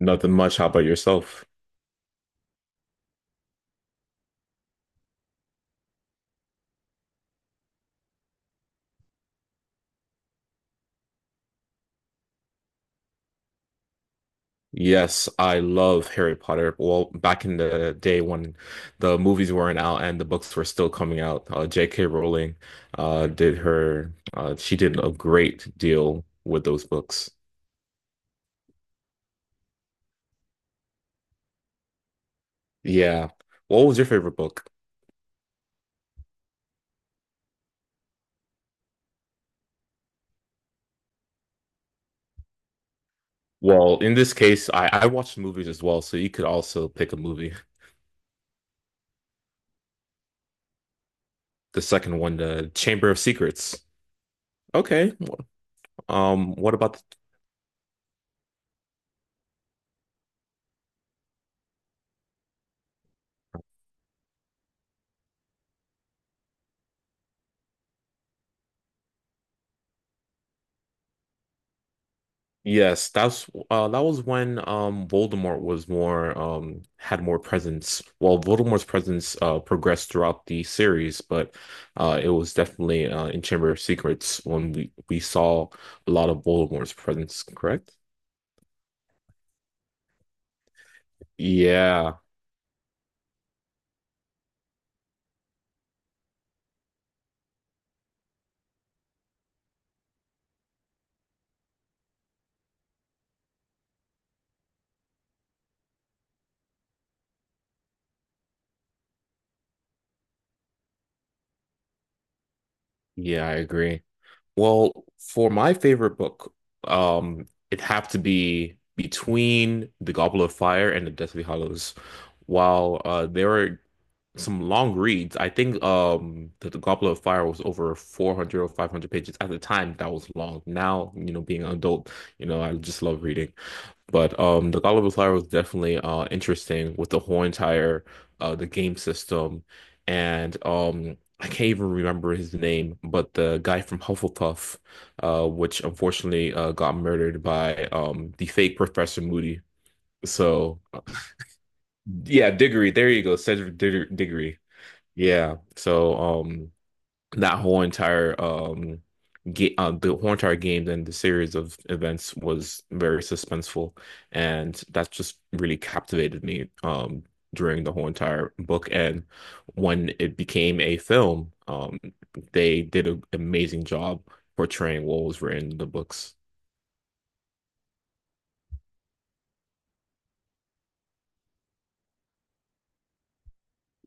Nothing much. How about yourself? Yes, I love Harry Potter. Well, back in the day when the movies weren't out and the books were still coming out, J.K. Rowling she did a great deal with those books. Yeah. What was your favorite book? Well, in this case, I watched movies as well, so you could also pick a movie. The second one, The Chamber of Secrets. Okay. What about Yes, that's that was when Voldemort was more had more presence. Well, Voldemort's presence progressed throughout the series, but it was definitely in Chamber of Secrets when we saw a lot of Voldemort's presence, correct? Yeah. Yeah, I agree. Well, for my favorite book, it'd have to be between The Goblet of Fire and The Deathly Hallows. While there are some long reads, I think that The Goblet of Fire was over 400 or 500 pages at the time. That was long. Now, you know, being an adult, I just love reading. But the God of Flyer was definitely interesting with the whole entire the game system, and I can't even remember his name, but the guy from Hufflepuff, which unfortunately got murdered by the fake Professor Moody. So yeah, Diggory, there you go, Cedric Diggory. Diggory. Yeah, so that whole entire game the whole entire game and the series of events was very suspenseful and that just really captivated me during the whole entire book, and when it became a film they did an amazing job portraying what was written in the books.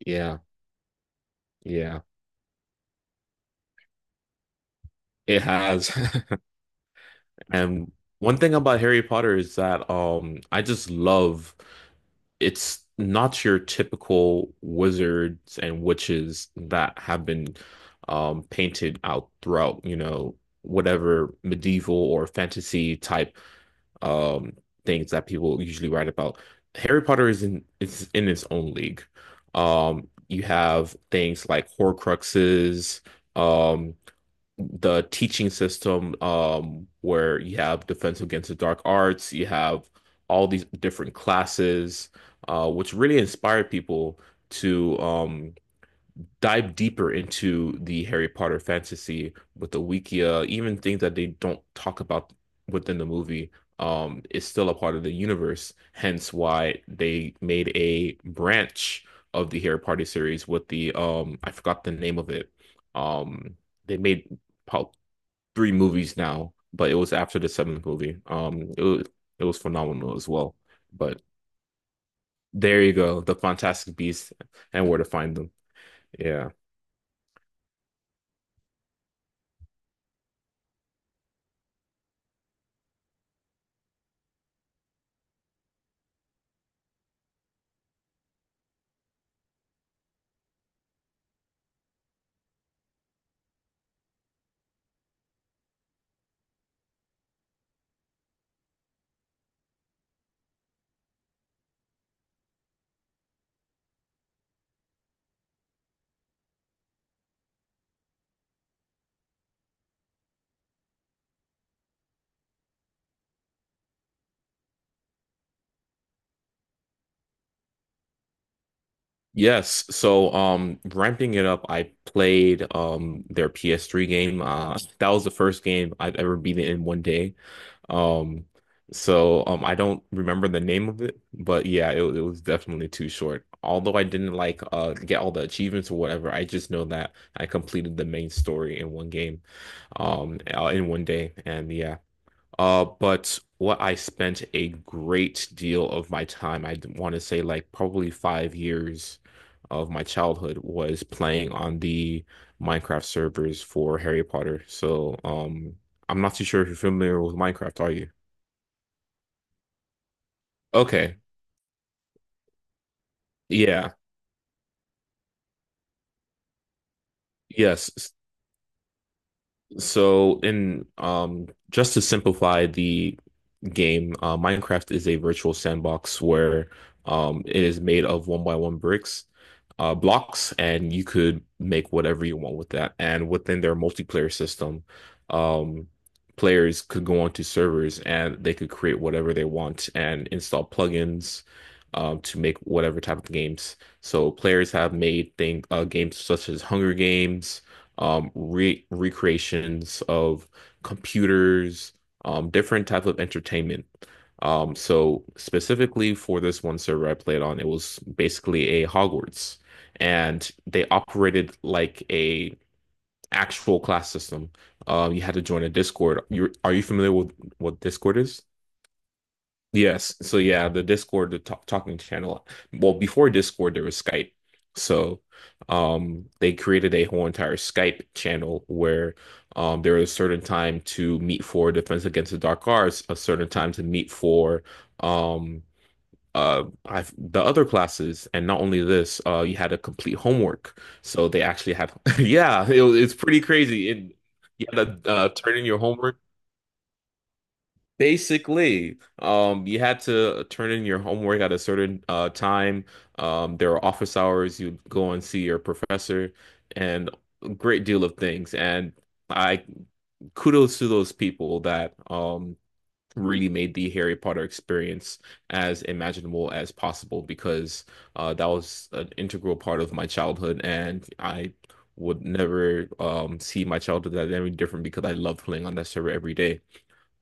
Yeah, yeah, it has. And one thing about Harry Potter is that I just love it's not your typical wizards and witches that have been painted out throughout, you know, whatever medieval or fantasy type um, things that people usually write about. Harry Potter is in its own league. You have things like Horcruxes. Um, the teaching system where you have Defense Against the Dark Arts, you have all these different classes, which really inspired people to dive deeper into the Harry Potter fantasy with the Wikia, even things that they don't talk about within the movie. Is still a part of the universe, hence why they made a branch of the Harry Potter series with the I forgot the name of it. Um, they made three movies now, but it was after the seventh movie. It was phenomenal as well. But there you go, the Fantastic Beasts and Where to Find Them. Yeah. Yes. So, ramping it up, I played their PS3 game. That was the first game I've ever beaten in 1 day. Um, I don't remember the name of it, but yeah, it was definitely too short. Although I didn't get all the achievements or whatever, I just know that I completed the main story in one game, in 1 day. And yeah, but what I spent a great deal of my time, I want to say like probably 5 years of my childhood, was playing on the Minecraft servers for Harry Potter. So I'm not too sure if you're familiar with Minecraft, are you? Okay, yeah. yes S- so in just to simplify the game. Minecraft is a virtual sandbox where it is made of one by one bricks, blocks, and you could make whatever you want with that. And within their multiplayer system, um, players could go onto servers and they could create whatever they want and install plugins. To make whatever type of games. So players have made thing games such as Hunger Games, re recreations of computers, different type of entertainment. So specifically for this one server I played on, it was basically a Hogwarts, and they operated like a actual class system. You had to join a Discord. You familiar with what Discord is? Yes. So yeah, the Discord, the talking channel. Well, before Discord, there was Skype. So they created a whole entire Skype channel where there was a certain time to meet for Defense Against the Dark Arts, a certain time to meet for um the other classes. And not only this, you had to complete homework, so they actually had yeah, it's pretty crazy, and you had to turn in your homework. Basically, you had to turn in your homework at a certain time. There were office hours. You'd go and see your professor, and a great deal of things. And I, kudos to those people that really made the Harry Potter experience as imaginable as possible, because that was an integral part of my childhood, and I would never see my childhood as any different because I love playing on that server every day.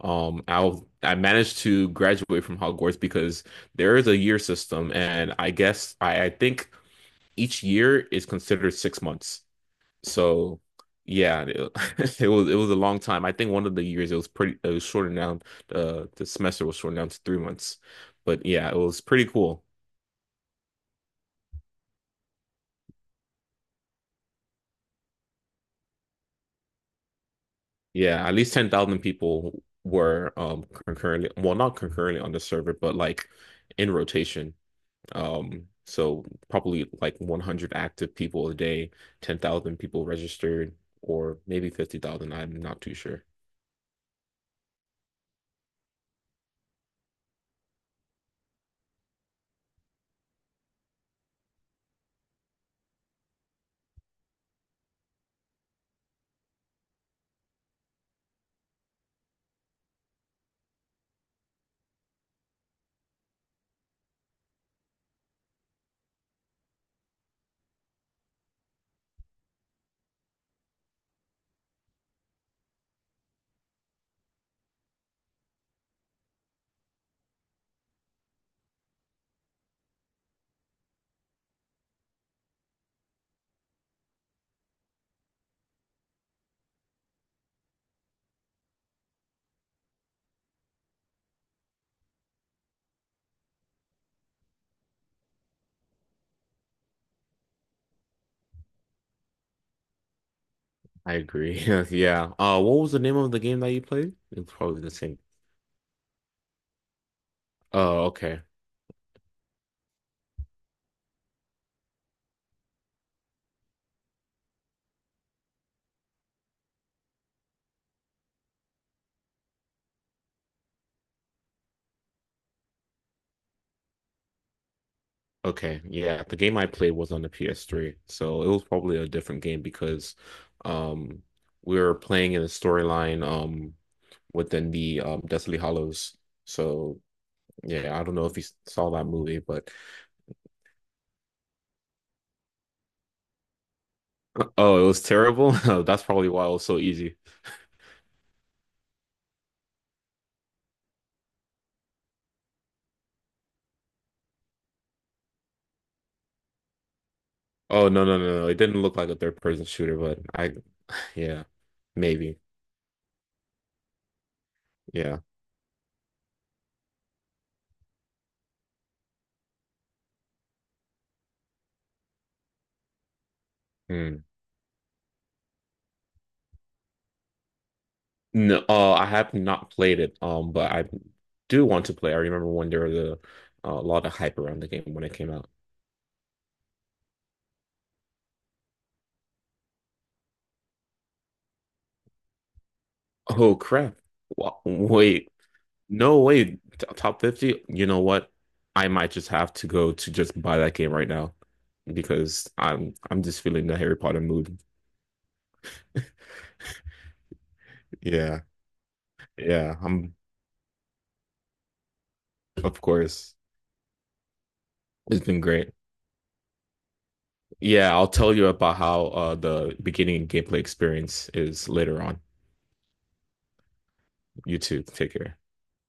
Um, I I managed to graduate from Hogwarts because there is a year system, and I guess I think each year is considered 6 months. So yeah, it, it was a long time. I think one of the years it was pretty it was shortened down. The semester was shortened down to 3 months, but yeah, it was pretty cool. Yeah, at least 10,000 people were concurrently, well, not concurrently on the server, but like in rotation. So probably like 100 active people a day, 10,000 people registered, or maybe 50,000. I'm not too sure. I agree. Yeah. What was the name of the game that you played? It's probably the same. Oh, okay. Okay. Yeah, the game I played was on the PS3, so it was probably a different game because um we were playing in a storyline within the Deathly Hollows. So, yeah, I don't know if you saw that movie, but oh, it was terrible. Oh, that's probably why it was so easy. Oh, no, no, no, no. It didn't look like a third person shooter, but I, yeah, maybe. Yeah. Hmm. No, I have not played it, but I do want to play. I remember when there was a lot of hype around the game when it came out. Oh, crap. Wait, no, wait. Top 50? You know what? I might just have to go to just buy that game right now because I'm just feeling the Harry Potter mood. Yeah, yeah. I'm of course. It's been great. Yeah, I'll tell you about how the beginning gameplay experience is later on. You too. Take care.